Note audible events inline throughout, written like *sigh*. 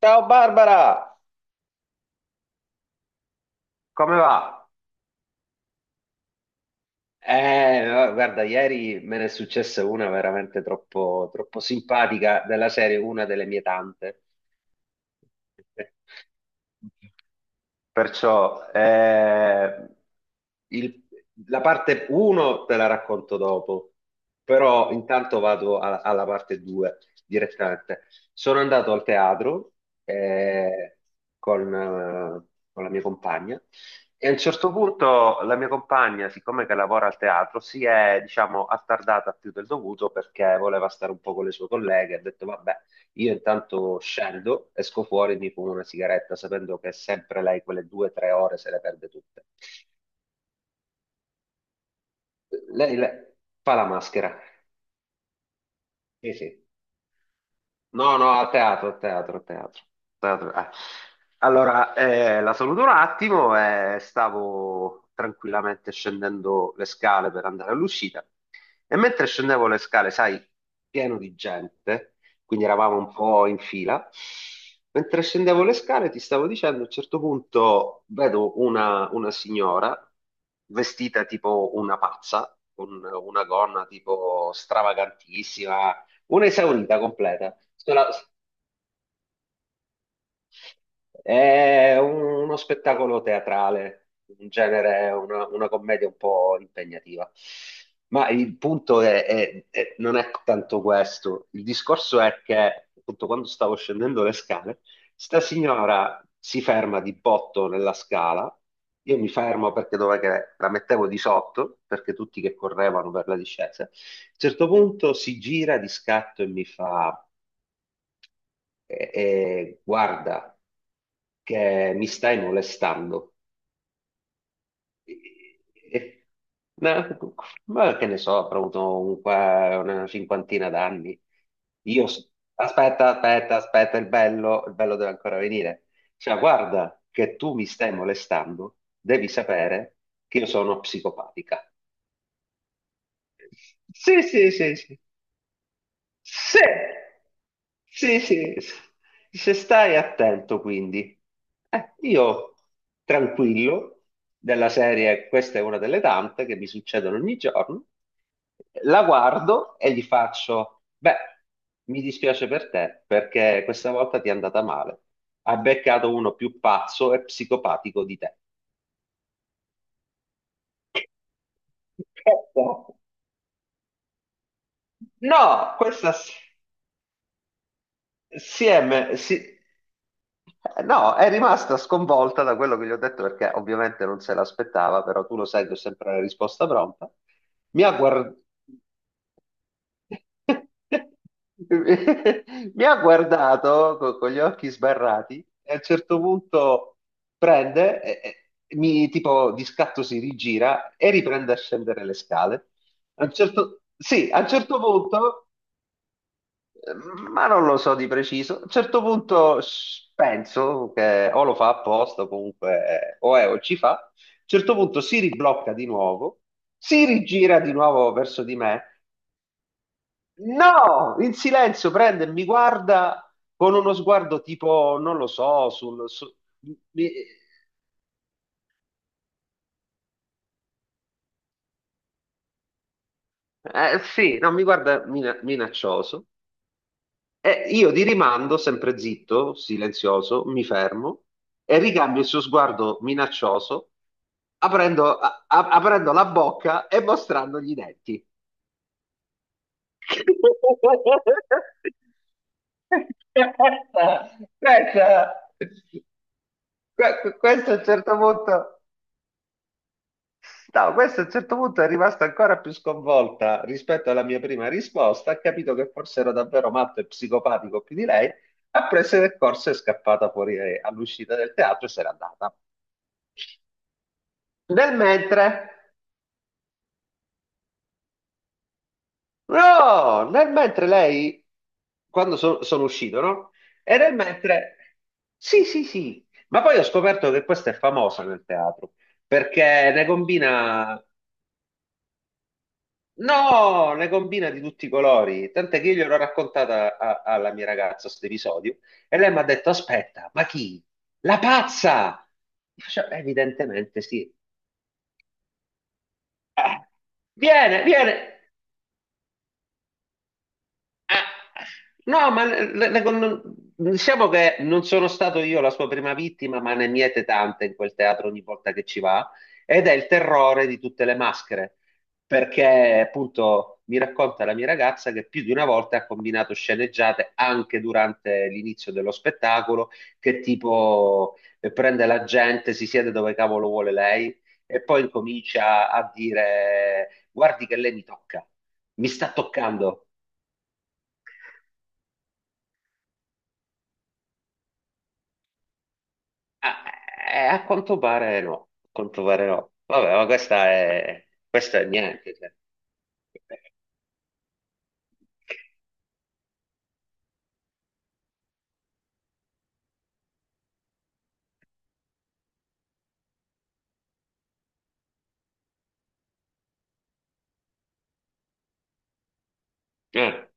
Ciao Barbara, come va? Guarda, ieri me ne è successa una veramente troppo simpatica della serie, una delle mie tante. *laughs* Perciò il- la parte 1 te la racconto dopo, però intanto alla parte 2 direttamente. Sono andato al teatro eh, con la mia compagna e a un certo punto la mia compagna, siccome che lavora al teatro, si è, diciamo, attardata più del dovuto perché voleva stare un po' con le sue colleghe. Ha detto, vabbè, io intanto scendo, esco fuori e mi fumo una sigaretta, sapendo che sempre lei quelle due o tre ore se le perde tutte. Lei fa la maschera. Sì, sì. No, no, a teatro, a teatro, a teatro. Teatro, eh. Allora, la saluto un attimo e stavo tranquillamente scendendo le scale per andare all'uscita. E mentre scendevo le scale, sai, pieno di gente, quindi eravamo un po' in fila. Mentre scendevo le scale, ti stavo dicendo, a un certo punto vedo una signora vestita tipo una pazza, con una gonna tipo stravagantissima, un'esaurita completa. Sono è uno spettacolo teatrale, in genere è una commedia un po' impegnativa. Ma il punto è non è tanto questo. Il discorso è che, appunto, quando stavo scendendo le scale, sta signora si ferma di botto nella scala. Io mi fermo perché dov'è che la mettevo di sotto, perché tutti che correvano per la discesa. A un certo punto si gira di scatto e mi fa guarda che mi stai molestando. E- e- ma ma che ne so, avrò avuto un una cinquantina d'anni. Io, s- aspetta, il bello deve ancora venire. Cioè, guarda che tu mi stai molestando, devi sapere che io sono psicopatica. Sì, sì, sì, sì. Sì, sì, sì, se stai attento quindi. Io tranquillo, della serie, questa è una delle tante che mi succedono ogni giorno, la guardo e gli faccio, beh, mi dispiace per te perché questa volta ti è andata male. Ha beccato uno più pazzo e psicopatico di te. *laughs* No, No, è rimasta sconvolta da quello che gli ho detto perché ovviamente non se l'aspettava, però tu lo sai che ho sempre la risposta pronta. Mi ha guardato. *laughs* Mi ha guardato con gli occhi sbarrati e a un certo punto prende, e mi tipo di scatto si rigira e riprende a scendere le scale. A un certo, sì, a un certo punto ma non lo so di preciso. A un certo punto penso che o lo fa apposta, o comunque o è o ci fa. A un certo punto si riblocca di nuovo, si rigira di nuovo verso di me. No! In silenzio prende e mi guarda con uno sguardo tipo, non lo so, mi- sì, no, mi guarda minaccioso. E io di rimando, sempre zitto, silenzioso, mi fermo e ricambio il suo sguardo minaccioso, aprendo la bocca e mostrandogli i denti. *laughs* Questa, questa, questo a un certo punto. No, questa a un certo punto è rimasta ancora più sconvolta rispetto alla mia prima risposta, ha capito che forse ero davvero matto e psicopatico più di lei, ha preso del corso e è scappata fuori all'uscita del teatro e se n'è andata. Nel mentre, no, nel mentre lei, quando sono uscito, no? E nel mentre, sì, sì, sì, ma poi ho scoperto che questa è famosa nel teatro, perché ne combina No, ne combina di tutti i colori. Tant'è che io gliel'ho raccontata alla mia ragazza questo episodio e lei mi ha detto: Aspetta, ma chi? La pazza! Io faccio, evidentemente sì. Eh, viene. Eh, no, ma le- non- diciamo che non sono stato io la sua prima vittima, ma ne miete tante in quel teatro ogni volta che ci va, ed è il terrore di tutte le maschere, perché appunto mi racconta la mia ragazza che più di una volta ha combinato sceneggiate anche durante l'inizio dello spettacolo, che tipo prende la gente, si siede dove cavolo vuole lei e poi incomincia a dire guardi che lei mi tocca, mi sta toccando. Ah, a quanto pare no, a quanto pare no. Vabbè, ma questa è niente. Cioè. Eh,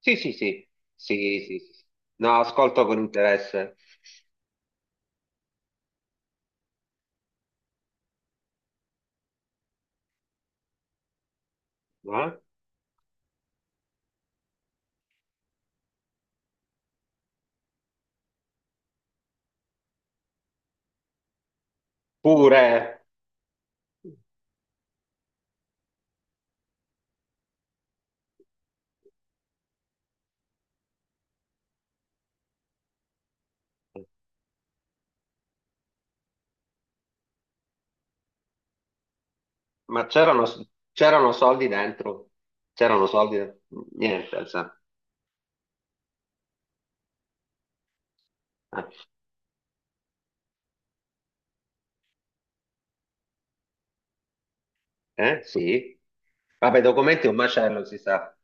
Sì, sì, sì, sì, sì, sì, sì. No, ascolto con interesse. Eh? Pure, ma c'erano soldi dentro? C'erano soldi? Niente, sa. Sì. Vabbè, documenti è un macello, si sa.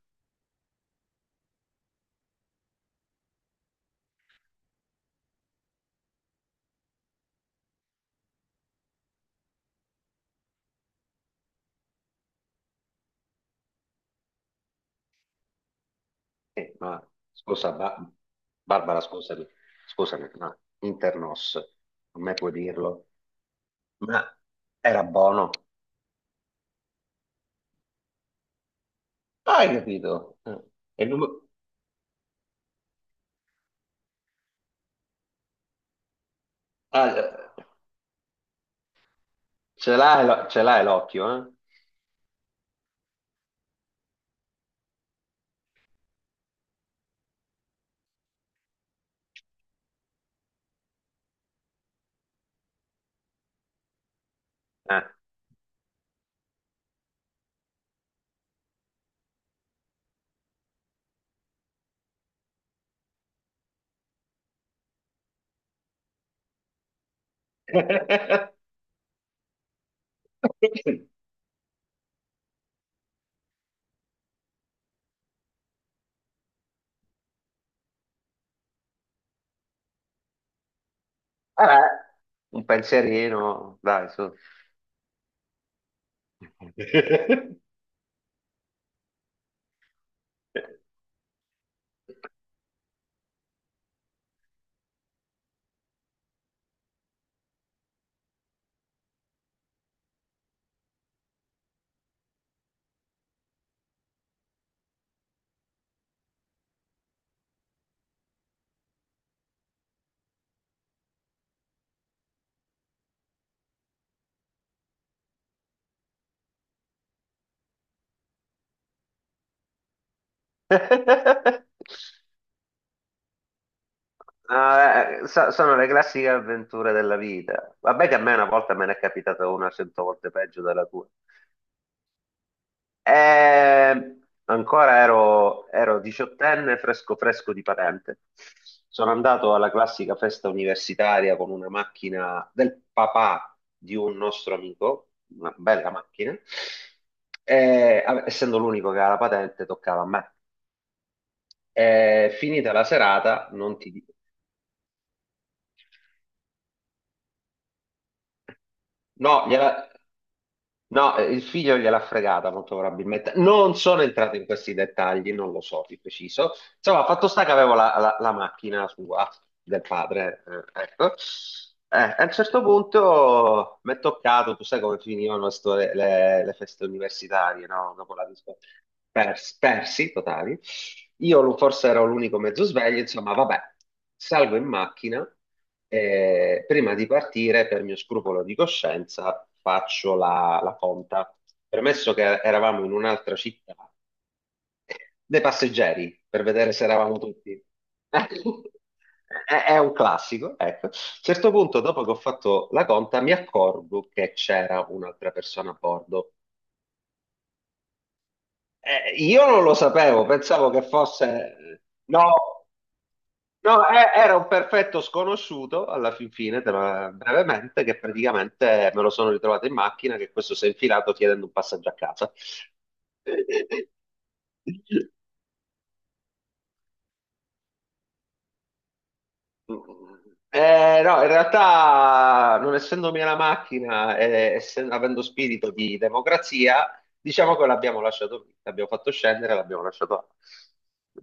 Eh, ma scusa, Ba- Barbara, scusami, ma Internos, a me puoi dirlo, ma era buono. Hai capito? E non- mi- ah, eh, ce l'hai l'occhio, eh? *laughs* Vabbè, un pensierino, dai, su. *laughs* Sono le classiche avventure della vita. Vabbè che a me una volta me ne è capitata una 100 volte peggio della tua. E ero diciottenne, fresco fresco di patente. Sono andato alla classica festa universitaria con una macchina del papà di un nostro amico, una bella macchina, e essendo l'unico che aveva la patente, toccava a me. E finita la serata, non ti dico. No, gliela. No, il figlio gliel'ha fregata molto probabilmente. Non sono entrato in questi dettagli, non lo so di preciso. Insomma, fatto sta che avevo la macchina sua, del padre, ecco. A un certo punto mi è toccato, tu sai come finivano le feste universitarie, no? Dopo la persi totali. Io forse ero l'unico mezzo sveglio, insomma, vabbè, salgo in macchina. Prima di partire, per mio scrupolo di coscienza, faccio la conta. Premesso che eravamo in un'altra città, *laughs* dei passeggeri, per vedere se eravamo tutti. *laughs* È, è un classico, ecco. A un certo punto, dopo che ho fatto la conta, mi accorgo che c'era un'altra persona a bordo. Io non lo sapevo, pensavo che fosse... No! No, era un perfetto sconosciuto alla fin fine, brevemente, che praticamente me lo sono ritrovato in macchina, che questo si è infilato chiedendo un passaggio a casa. No, in realtà, non essendo mia la macchina e avendo spirito di democrazia, diciamo che l'abbiamo lasciato lì, l'abbiamo fatto scendere, l'abbiamo lasciato là.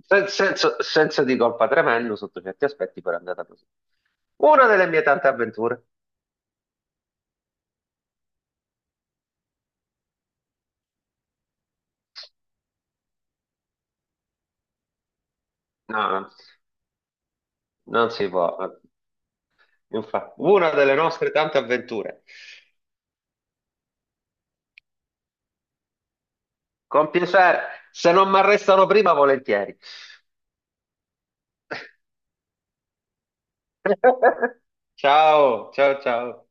Senso di colpa tremendo sotto certi aspetti, però è andata così. Una delle mie tante avventure. No, no. Non si può, infatti, una delle nostre tante avventure. Con piacere, se non mi arrestano prima, volentieri. *laughs* Ciao, ciao, ciao.